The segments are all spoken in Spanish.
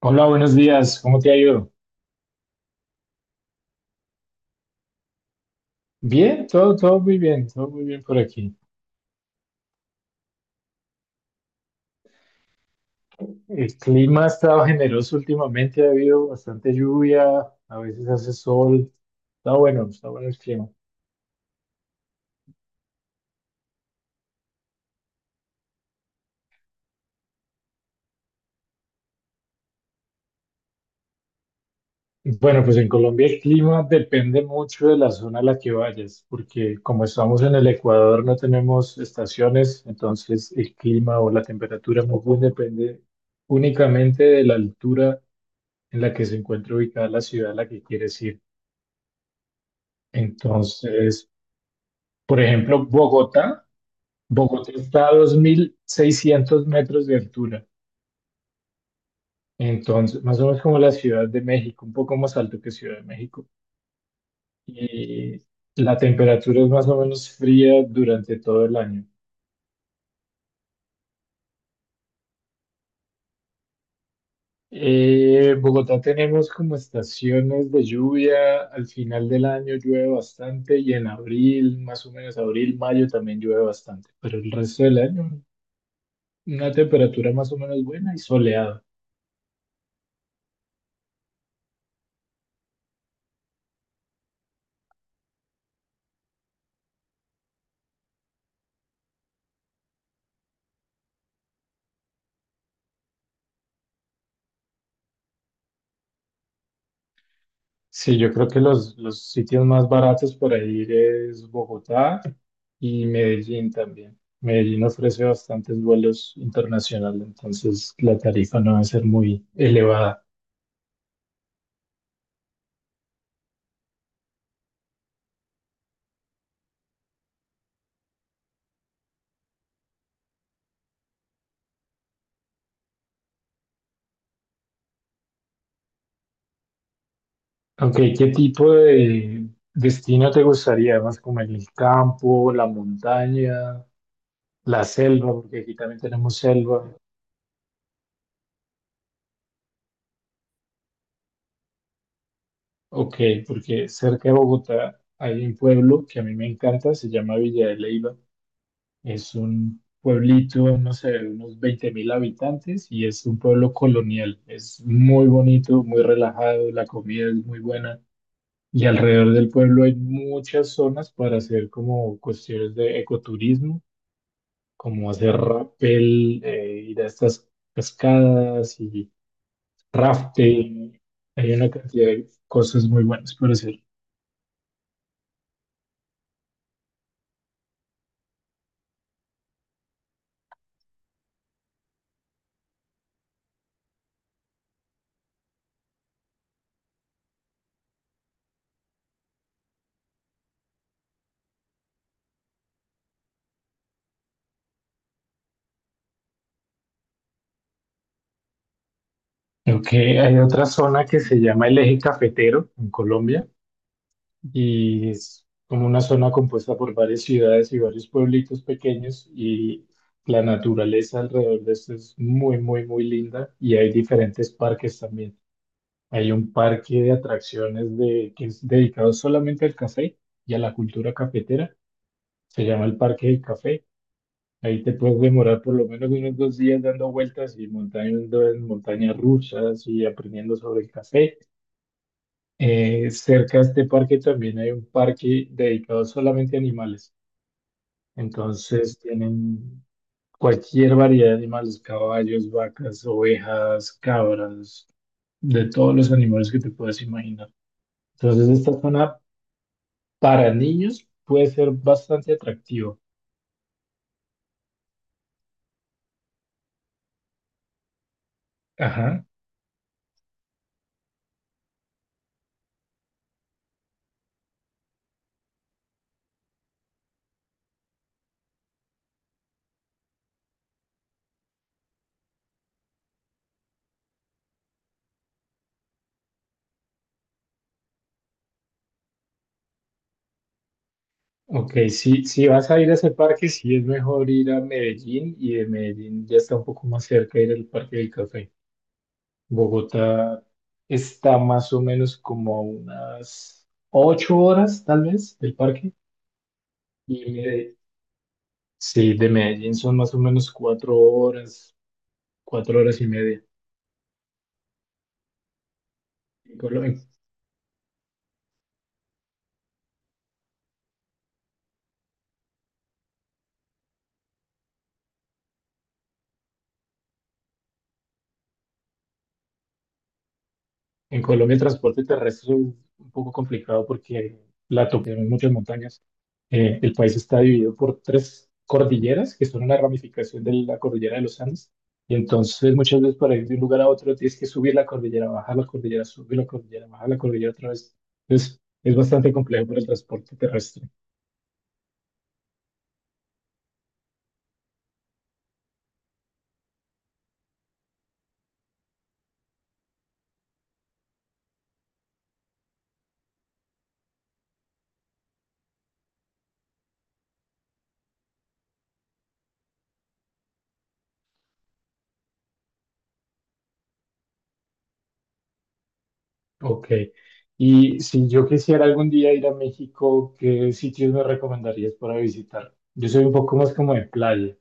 Hola, buenos días. ¿Cómo te ha ido? Bien, todo muy bien, todo muy bien por aquí. El clima ha estado generoso últimamente, ha habido bastante lluvia, a veces hace sol. Está bueno el clima. Bueno, pues en Colombia el clima depende mucho de la zona a la que vayas, porque como estamos en el Ecuador no tenemos estaciones, entonces el clima o la temperatura más bien depende únicamente de la altura en la que se encuentra ubicada la ciudad a la que quieres ir. Entonces, por ejemplo, Bogotá está a 2.600 metros de altura, entonces más o menos como la Ciudad de México, un poco más alto que Ciudad de México. Y la temperatura es más o menos fría durante todo el año. Bogotá tenemos como estaciones de lluvia, al final del año llueve bastante y en abril, más o menos abril, mayo también llueve bastante, pero el resto del año una temperatura más o menos buena y soleada. Sí, yo creo que los sitios más baratos para ir es Bogotá y Medellín también. Medellín ofrece bastantes vuelos internacionales, entonces la tarifa no va a ser muy elevada. Aunque, ¿qué tipo de destino te gustaría? Más como en el campo, la montaña, la selva, porque aquí también tenemos selva. Ok, porque cerca de Bogotá hay un pueblo que a mí me encanta, se llama Villa de Leyva. Es un pueblito, no sé, de unos 20.000 habitantes y es un pueblo colonial. Es muy bonito, muy relajado, la comida es muy buena y alrededor del pueblo hay muchas zonas para hacer como cuestiones de ecoturismo, como hacer rappel, ir a estas cascadas y rafting. Hay una cantidad de cosas muy buenas para hacer. Creo que hay otra zona que se llama el Eje Cafetero en Colombia y es como una zona compuesta por varias ciudades y varios pueblitos pequeños y la naturaleza alrededor de esto es muy, muy, muy linda y hay diferentes parques también. Hay un parque de atracciones de, que es dedicado solamente al café y a la cultura cafetera. Se llama el Parque del Café. Ahí te puedes demorar por lo menos unos dos días dando vueltas y montando en montañas rusas y aprendiendo sobre el café. Cerca de este parque también hay un parque dedicado solamente a animales. Entonces tienen cualquier variedad de animales, caballos, vacas, ovejas, cabras, de todos los animales que te puedas imaginar. Entonces esta zona para niños puede ser bastante atractiva. Ajá. Ok, si vas a ir a ese parque, sí es mejor ir a Medellín y de Medellín ya está un poco más cerca ir al Parque del Café. Bogotá está más o menos como a unas ocho horas, tal vez, del parque. Y Medellín. Sí, de Medellín son más o menos cuatro horas y media. En Colo- en En Colombia el transporte terrestre es un poco complicado porque tenemos muchas montañas. El país está dividido por tres cordilleras que son una ramificación de la cordillera de los Andes. Y entonces muchas veces para ir de un lugar a otro tienes que subir la cordillera, bajar la cordillera, subir la cordillera, bajar la cordillera otra vez. Entonces es bastante complejo para el transporte terrestre. Ok. Y si yo quisiera algún día ir a México, ¿qué sitios me recomendarías para visitar? Yo soy un poco más como de playa.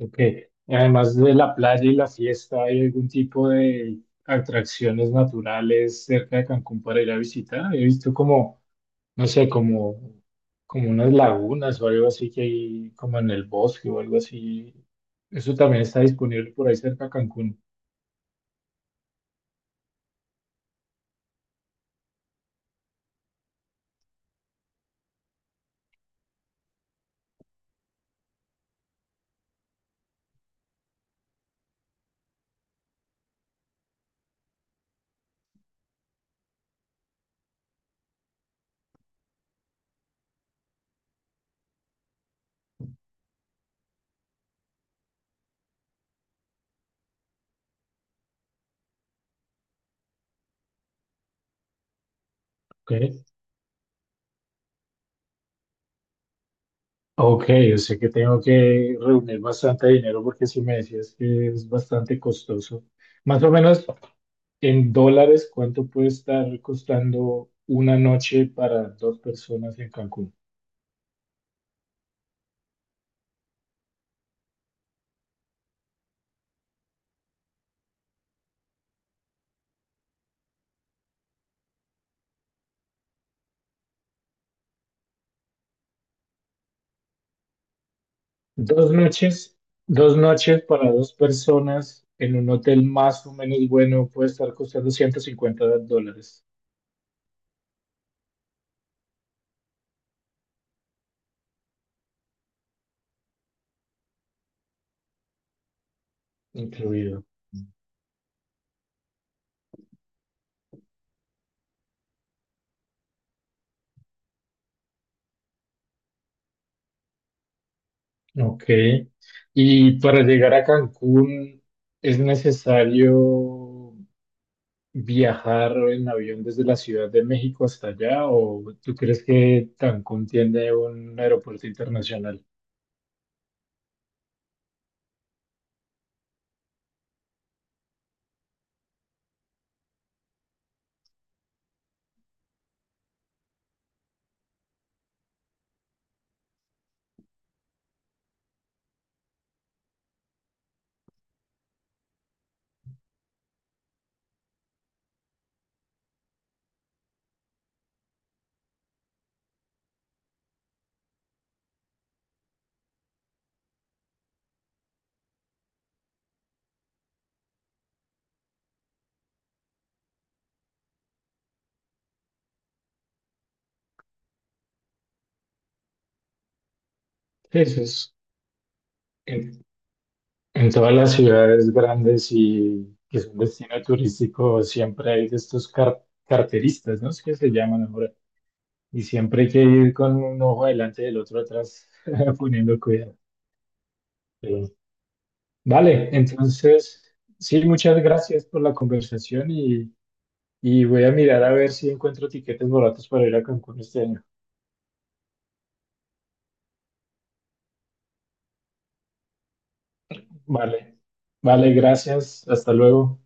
Ok. Y además de la playa y la fiesta, ¿hay algún tipo de atracciones naturales cerca de Cancún para ir a visitar? He visto como, no sé, como unas lagunas o algo así que hay como en el bosque o algo así. Eso también está disponible por ahí cerca de Cancún. Ok. Ok, o sea que tengo que reunir bastante dinero porque si me decías que es bastante costoso. Más o menos en dólares, ¿cuánto puede estar costando una noche para dos personas en Cancún? Dos noches, dos noches, para dos personas en un hotel más o menos bueno puede estar costando 150 dólares incluido. Ok. ¿Y para llegar a Cancún es necesario viajar en avión desde la Ciudad de México hasta allá? ¿O tú crees que Cancún tiene un aeropuerto internacional? Eso es en, en todas las ciudades grandes y que son destino turístico, siempre hay de estos carteristas, ¿no? Es que se llaman ahora. Y siempre hay que ir con un ojo adelante y el otro atrás, poniendo cuidado. Pero, vale, entonces, sí, muchas gracias por la conversación. Y voy a mirar a ver si encuentro tiquetes baratos para ir a Cancún este año. Vale, vale, gracias. Hasta luego.